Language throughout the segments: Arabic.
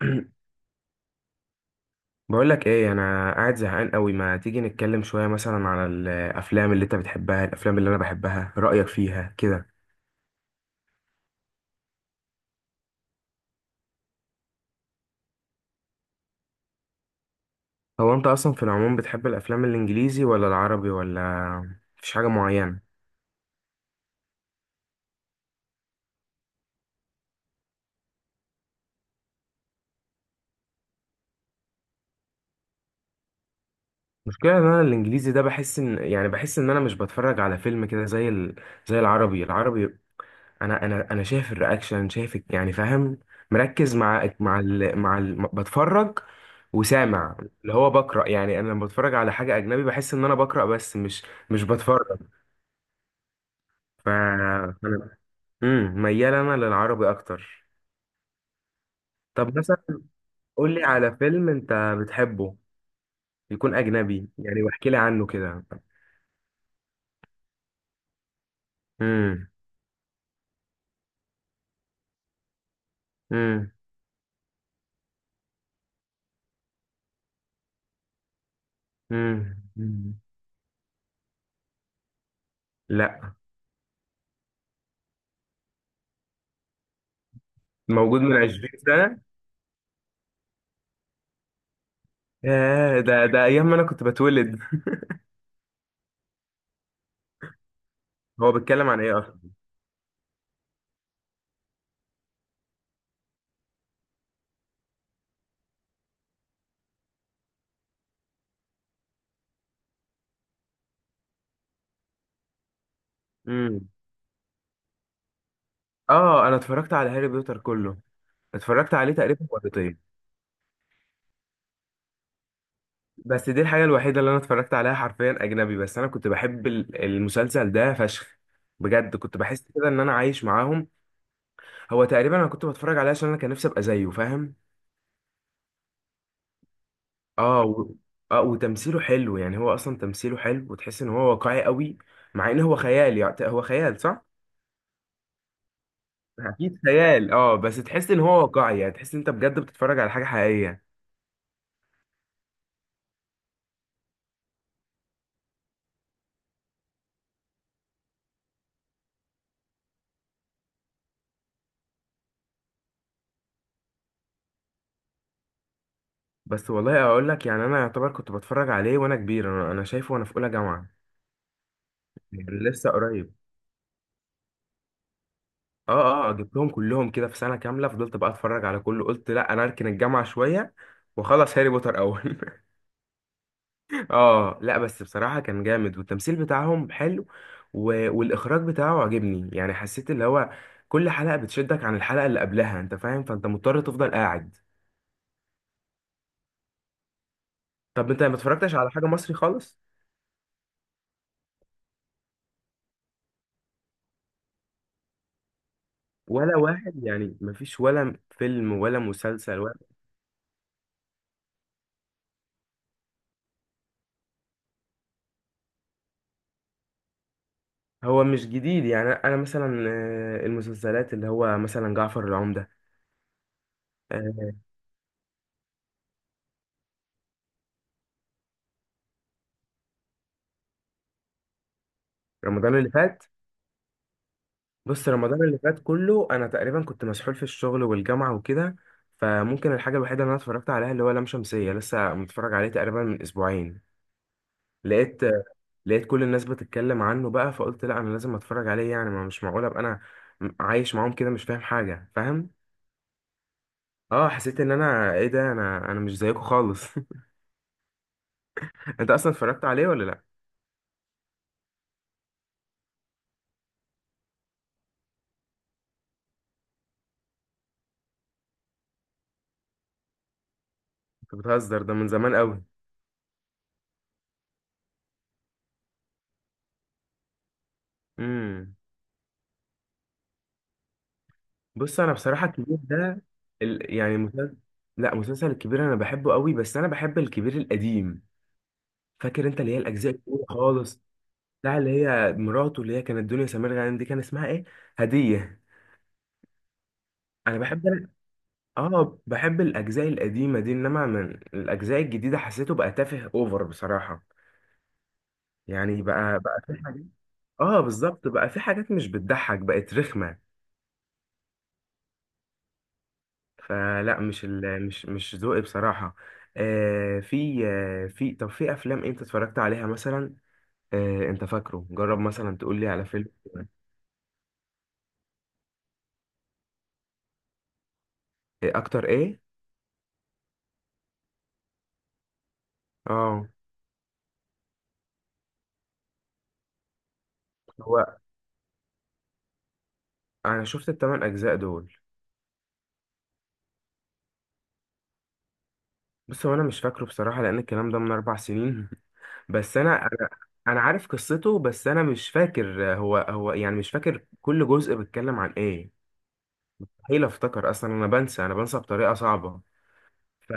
بقول لك ايه، انا قاعد زهقان قوي. ما تيجي نتكلم شويه مثلا على الافلام اللي انت بتحبها، الافلام اللي انا بحبها، رايك فيها كده؟ هو انت اصلا في العموم بتحب الافلام الانجليزي ولا العربي، ولا مفيش حاجه معينه؟ المشكله ان انا الانجليزي ده بحس ان، يعني بحس ان انا مش بتفرج على فيلم كده زي زي العربي العربي. انا شايف الرياكشن، شايف يعني فاهم، مركز مع ال بتفرج وسامع اللي هو بقرا. يعني انا لما بتفرج على حاجه اجنبي بحس ان انا بقرا، بس مش بتفرج. فانا ميال انا للعربي اكتر. طب مثلا قول لي على فيلم انت بتحبه يكون اجنبي، يعني واحكي لي عنه كده. امم. امم. امم. لا. موجود من 20 سنه؟ ياه، ده ايام ما انا كنت بتولد. هو بيتكلم عن ايه اصلا؟ اه، انا اتفرجت على هاري بوتر كله، اتفرجت عليه تقريبا مرتين. بس دي الحاجه الوحيده اللي انا اتفرجت عليها حرفيا اجنبي، بس انا كنت بحب المسلسل ده فشخ. بجد كنت بحس كده ان انا عايش معاهم. هو تقريبا انا كنت بتفرج عليه عشان انا كان نفسي ابقى زيه، فاهم؟ اه و... اه وتمثيله حلو، يعني هو اصلا تمثيله حلو وتحس ان هو واقعي قوي، مع ان هو خيال. يعني هو خيال صح، اكيد خيال. اه بس تحس ان هو واقعي، يعني تحس ان انت بجد بتتفرج على حاجه حقيقيه. بس والله اقول لك، يعني انا يعتبر كنت بتفرج عليه وانا كبير. انا شايفه وانا في اولى جامعه، يعني لسه قريب. اه، اه، جبتهم كلهم كده في سنه كامله. فضلت بقى اتفرج على كله، قلت لا، انا اركن الجامعه شويه واخلص هاري بوتر اول. اه، لا بس بصراحه كان جامد والتمثيل بتاعهم حلو، والاخراج بتاعه عجبني. يعني حسيت اللي هو كل حلقه بتشدك عن الحلقه اللي قبلها، انت فاهم؟ فانت مضطر تفضل قاعد. طب انت ما اتفرجتش على حاجه مصري خالص؟ ولا واحد يعني؟ مفيش ولا فيلم ولا مسلسل؟ هو مش جديد، يعني انا مثلا المسلسلات اللي هو مثلا جعفر العمدة. آه، رمضان اللي فات. بص رمضان اللي فات كله انا تقريبا كنت مسحول في الشغل والجامعة وكده، فممكن الحاجة الوحيدة اللي انا اتفرجت عليها اللي هو لام شمسية، لسه متفرج عليه تقريبا من اسبوعين. لقيت لقيت كل الناس بتتكلم عنه بقى، فقلت لا، انا لازم اتفرج عليه، يعني ما مش معقول ابقى انا عايش معاهم كده مش فاهم حاجة، فاهم؟ اه، حسيت ان انا ايه ده، انا مش زيكم خالص. انت اصلا اتفرجت عليه ولا لا؟ انت بتهزر، ده من زمان قوي. امم. بص انا بصراحه الكبير ده يعني مسلسل، لا، مسلسل الكبير انا بحبه قوي، بس انا بحب الكبير القديم. فاكر انت اللي هي الاجزاء الكبيره خالص؟ بتاع اللي هي مراته، اللي هي كانت دنيا سمير غانم، دي كان اسمها ايه؟ هديه. انا بحب انا اه بحب الاجزاء القديمه دي، انما من الاجزاء الجديده حسيته بقى تافه اوفر بصراحه. يعني بقى في حاجات. اه بالظبط، بقى في حاجات مش بتضحك، بقت رخمه. فلا، مش ال... مش مش ذوقي بصراحة. آه في آه في طب في افلام انت اتفرجت عليها مثلا؟ آه، انت فاكره، جرب مثلا تقول لي على فيلم. إيه اكتر ايه؟ اه، هو انا شفت الثمان اجزاء دول. بس هو انا مش فاكره بصراحة، لان الكلام ده من 4 سنين. بس انا عارف قصته، بس انا مش فاكر هو يعني، مش فاكر كل جزء بيتكلم عن ايه. مستحيل افتكر اصلا، انا بنسى، انا بنسى بطريقة صعبة. ف،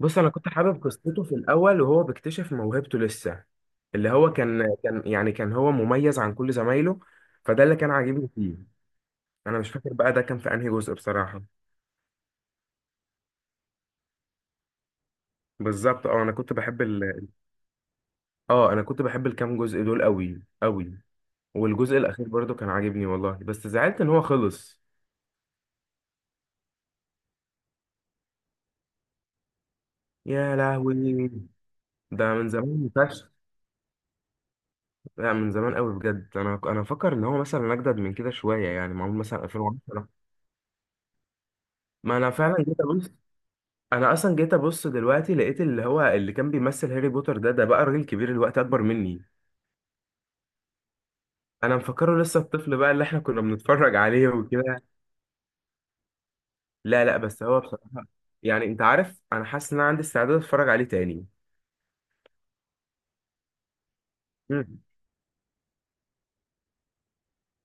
بص انا كنت حابب قصته في الاول وهو بيكتشف موهبته لسه، اللي هو كان يعني، كان هو مميز عن كل زمايله، فده اللي كان عاجبني فيه. انا مش فاكر بقى ده كان في انهي جزء بصراحة. بالظبط. انا كنت بحب الكام جزء دول قوي قوي، والجزء الاخير برضو كان عاجبني والله، بس زعلت ان هو خلص. يا لهوي، ده من زمان فشخ. لا من زمان قوي بجد. انا فاكر ان هو مثلا اجدد من كده شويه، يعني معمول مثلا 2010. ما انا فعلا جيت ابص. انا اصلا جيت ابص دلوقتي، لقيت اللي هو اللي كان بيمثل هاري بوتر ده بقى راجل كبير الوقت، اكبر مني. انا مفكره لسه الطفل بقى اللي احنا كنا بنتفرج عليه وكده. لا لا، بس هو بصراحة، يعني انت عارف، انا حاسس ان انا عندي استعداد اتفرج عليه تاني. مم.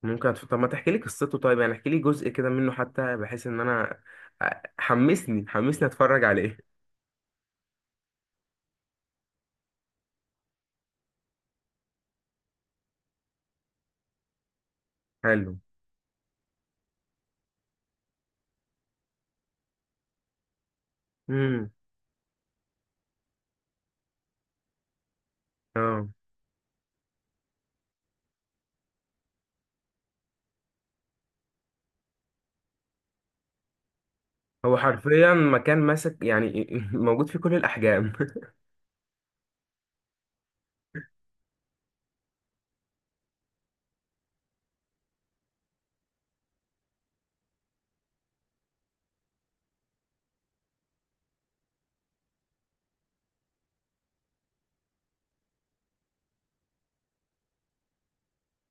ممكن طب ما تحكي لي قصته طيب، يعني احكي لي جزء كده منه حتى، بحيث ان انا أ- حمسني حمسني اتفرج عليه. حلو. امم. اه، هو حرفيا مكان ماسك يعني. موجود في كل الاحجام.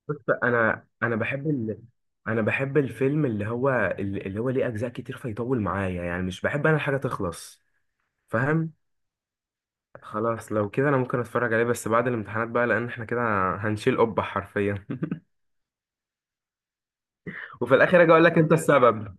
بص انا انا بحب الفيلم اللي هو ليه اجزاء كتير فيطول معايا، يعني مش بحب انا الحاجه تخلص، فاهم؟ خلاص لو كده انا ممكن اتفرج عليه، بس بعد الامتحانات بقى، لان احنا كده هنشيل قبة حرفيا. وفي الاخر اجي اقول لك انت السبب.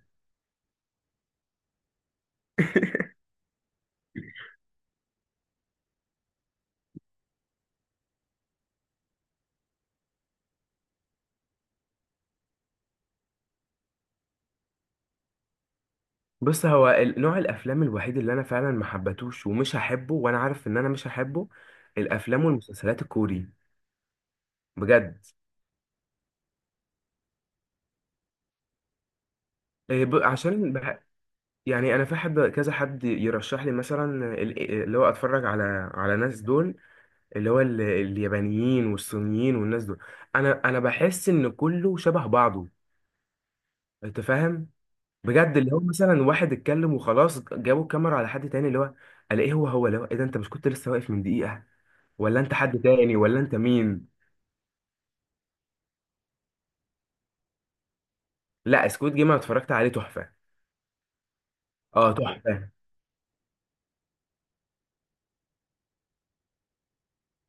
بص هو نوع الافلام الوحيد اللي انا فعلا ما حبتوش ومش هحبه وانا عارف ان انا مش هحبه، الافلام والمسلسلات الكوري، بجد. إيه، يعني انا في حد، كذا حد يرشح لي مثلا اللي هو اتفرج على ناس دول، اللي هو اليابانيين والصينيين والناس دول. انا بحس ان كله شبه بعضه، انت فاهم؟ بجد، اللي هو مثلا واحد اتكلم وخلاص جابوا الكاميرا على حد تاني، اللي هو الاقيه هو اللي هو ايه ده؟ انت مش كنت لسه واقف من دقيقة؟ ولا انت حد تاني؟ ولا انت مين؟ لا، سكوت جيم انا اتفرجت عليه تحفة. اه تحفة.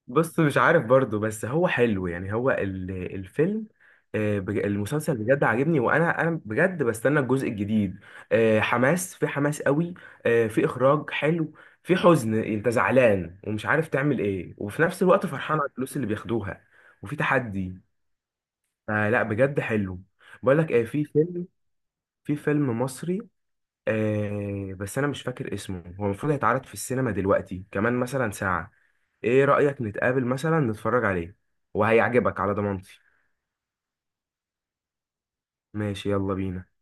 بص مش عارف برضو، بس هو حلو، يعني هو الفيلم، المسلسل بجد عاجبني، وانا بجد بستنى الجزء الجديد. آه، حماس في حماس قوي. في اخراج حلو. في حزن، انت زعلان ومش عارف تعمل ايه، وفي نفس الوقت فرحان على الفلوس اللي بياخدوها، وفي تحدي. فلا، بجد حلو. بقول لك ايه، في فيلم مصري. بس انا مش فاكر اسمه. هو المفروض هيتعرض في السينما دلوقتي كمان مثلا ساعة. ايه رأيك نتقابل مثلا نتفرج عليه؟ وهيعجبك على ضمانتي. ماشي، يلا بينا.